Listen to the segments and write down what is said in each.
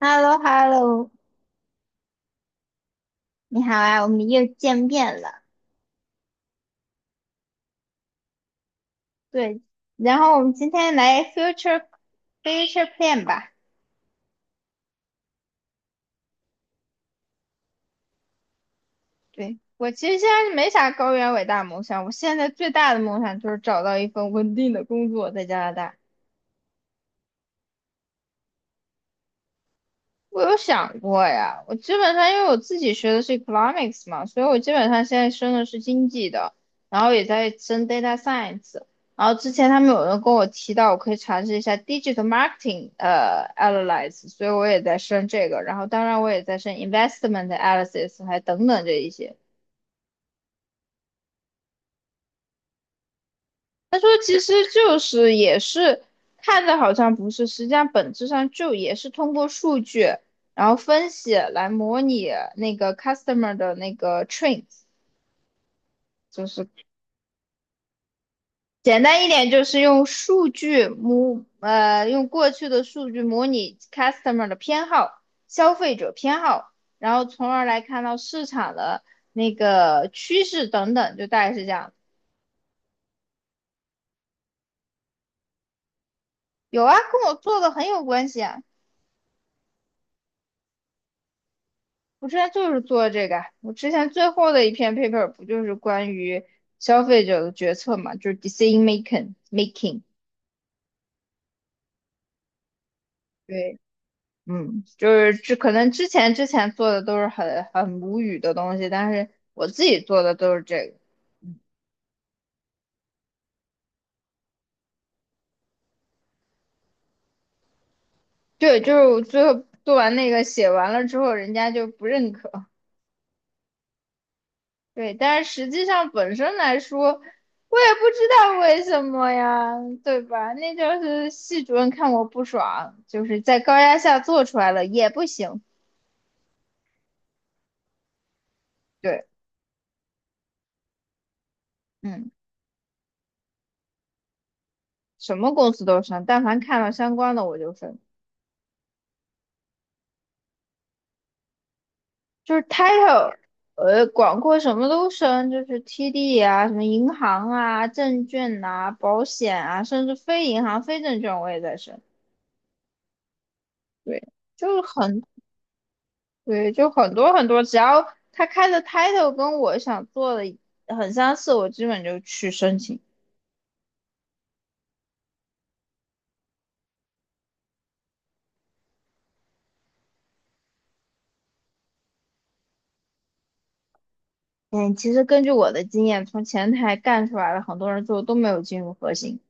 h e l l o h e l l o 你好啊，我们又见面了。对，然后我们今天来 future plan 吧。对，我其实现在没啥高远伟大的梦想，我现在最大的梦想就是找到一份稳定的工作在加拿大。我有想过呀，我基本上因为我自己学的是 economics 嘛，所以我基本上现在升的是经济的，然后也在升 data science。然后之前他们有人跟我提到，我可以尝试一下 digital marketing analysis，所以我也在升这个。然后当然我也在升 investment analysis，还等等这一些。他说其实就是也是看着好像不是，实际上本质上就也是通过数据，然后分析来模拟那个 customer 的那个 trends，就是简单一点就是用过去的数据模拟 customer 的偏好、消费者偏好，然后从而来看到市场的那个趋势等等，就大概是这样。有啊，跟我做的很有关系啊。我之前就是做这个啊，我之前最后的一篇 paper 不就是关于消费者的决策嘛，就是 decision making。对，嗯，就是这可能之前做的都是很无语的东西，但是我自己做的都是这个。对，就是我最后做完那个写完了之后，人家就不认可。对，但是实际上本身来说，我也不知道为什么呀，对吧？那就是系主任看我不爽，就是在高压下做出来了也不行。对，嗯，什么公司都升，但凡看到相关的我就升，就是 title,广阔什么都升，就是 TD 啊，什么银行啊、证券啊、保险啊，甚至非银行、非证券我也在升。对，就是很对，就很多很多，只要他开的 title 跟我想做的很相似，我基本就去申请。嗯，其实根据我的经验，从前台干出来的很多人最后都没有进入核心，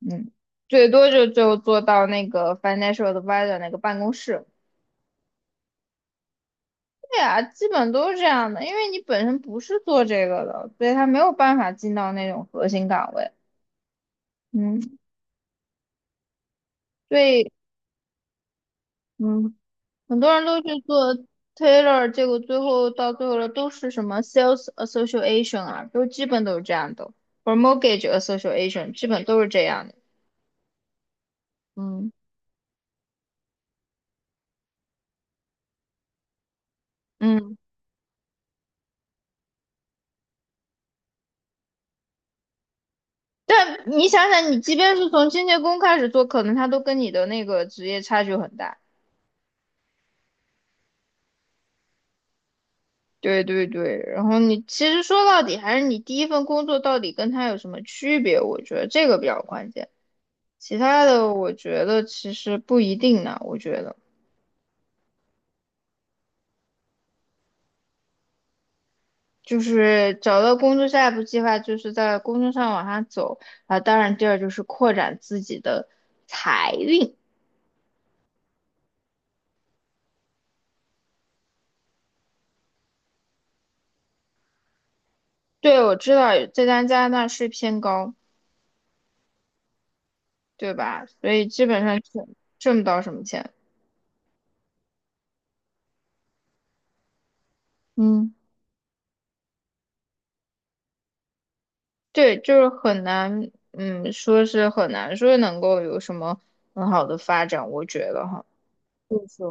嗯，最多就做到那个 financial advisor 那个办公室。对啊，基本都是这样的，因为你本身不是做这个的，所以他没有办法进到那种核心岗位。嗯，对，嗯。很多人都去做 tailor,结果最后到最后了都是什么 sales association 啊，都基本都是这样的，或者 mortgage association,基本都是这样的。嗯嗯，但你想想，你即便是从清洁工开始做，可能他都跟你的那个职业差距很大。对对对，然后你其实说到底还是你第一份工作到底跟他有什么区别，我觉得这个比较关键，其他的我觉得其实不一定呢，我觉得。就是找到工作，下一步计划就是在工作上往上走啊。当然，第二就是扩展自己的财运。对，我知道在加拿大税偏高，对吧？所以基本上挣不到什么钱。嗯，对，就是很难，嗯，说是很难说能够有什么很好的发展，我觉得哈。就是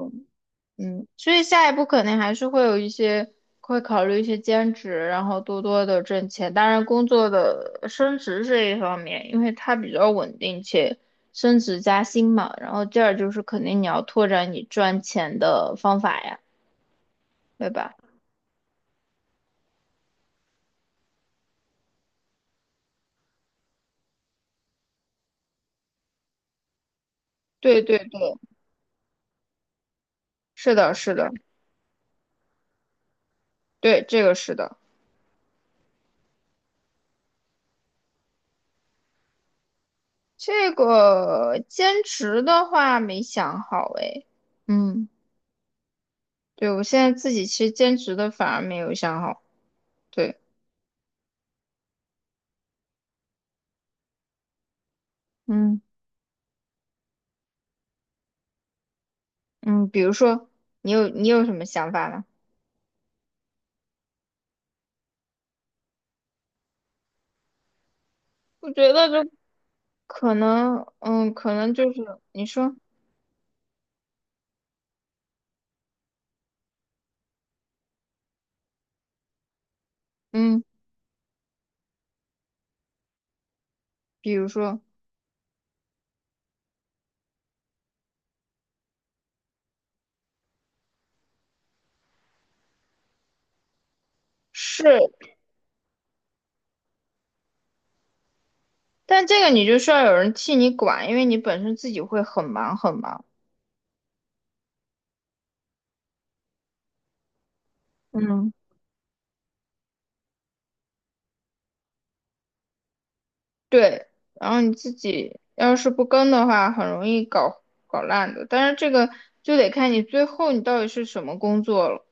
嗯，所以下一步肯定还是会有一些，会考虑一些兼职，然后多多的挣钱。当然，工作的升职这一方面，因为它比较稳定且升职加薪嘛。然后第二就是肯定你要拓展你赚钱的方法呀，对吧？对对对，是的，是的，对，这个是的。这个兼职的话没想好诶，嗯，对，我现在自己其实兼职的反而没有想好，对，嗯。嗯，比如说你有什么想法呢？我觉得就可能，嗯，可能就是你说，嗯，比如说是，但这个你就需要有人替你管，因为你本身自己会很忙很忙。嗯，对，然后你自己要是不跟的话，很容易搞烂的。但是这个就得看你最后你到底是什么工作了。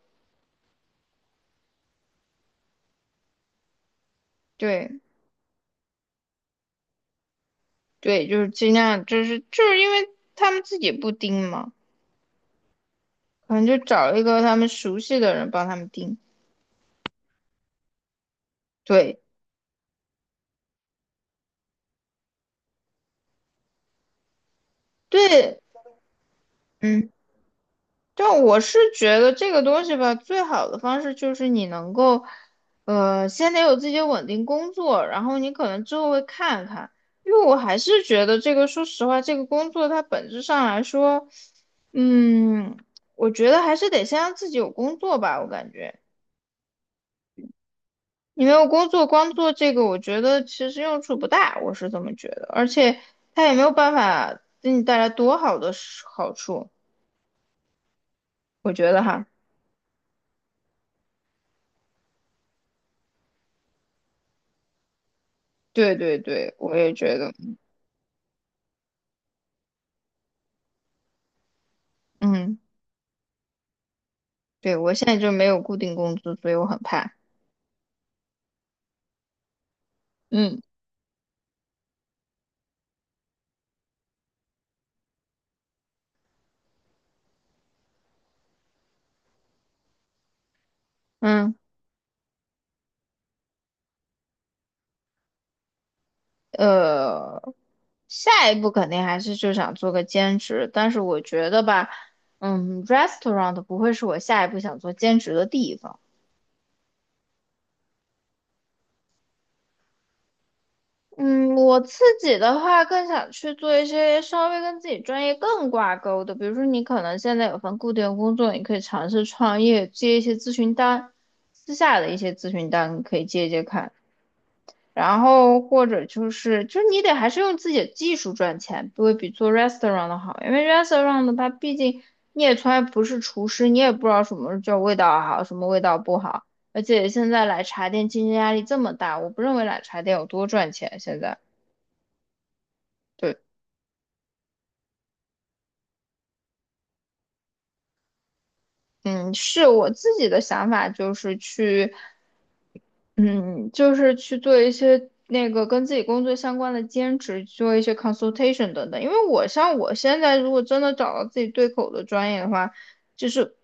对对，就是尽量，就是因为他们自己不盯嘛。可能就找一个他们熟悉的人帮他们订。对对，嗯，但我是觉得这个东西吧，最好的方式就是你能够，先得有自己的稳定工作，然后你可能之后会看看。因为我还是觉得这个，说实话，这个工作它本质上来说，嗯，我觉得还是得先让自己有工作吧，我感觉。你没有工作，光做这个，我觉得其实用处不大，我是这么觉得。而且他也没有办法给你带来多好的是好处，我觉得哈。对对对，我也觉得，嗯，对，我现在就没有固定工资，所以我很怕。嗯嗯，呃，下一步肯定还是就想做个兼职，但是我觉得吧，嗯，restaurant 不会是我下一步想做兼职的地方。嗯，我自己的话更想去做一些稍微跟自己专业更挂钩的，比如说你可能现在有份固定的工作，你可以尝试创业，接一些咨询单，私下的一些咨询单你可以接接看，然后或者就是你得还是用自己的技术赚钱，不会比做 restaurant 的好，因为 restaurant 的它毕竟你也从来不是厨师，你也不知道什么叫味道好，什么味道不好，而且现在奶茶店竞争压力这么大，我不认为奶茶店有多赚钱现在。对。嗯，是我自己的想法，就是去，嗯，就是去做一些那个跟自己工作相关的兼职，做一些 consultation 等等。因为我像我现在，如果真的找到自己对口的专业的话，就是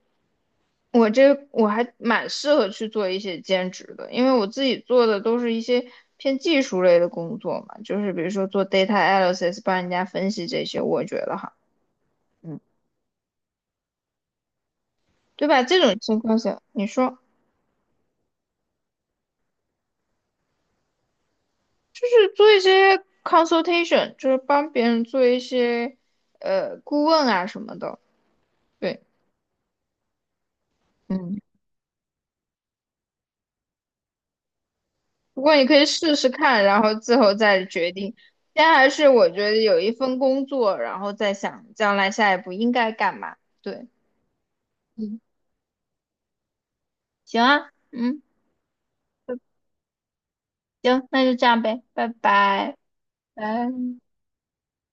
我还蛮适合去做一些兼职的，因为我自己做的都是一些偏技术类的工作嘛，就是比如说做 data analysis,帮人家分析这些，我觉得哈，嗯，对吧？这种情况下，你说。就是做一些 consultation,就是帮别人做一些顾问啊什么的。对，嗯，不过你可以试试看，然后最后再决定。先还是我觉得有一份工作，然后再想将来下一步应该干嘛。对，嗯，行啊，嗯，行，那就这样呗，拜拜。拜。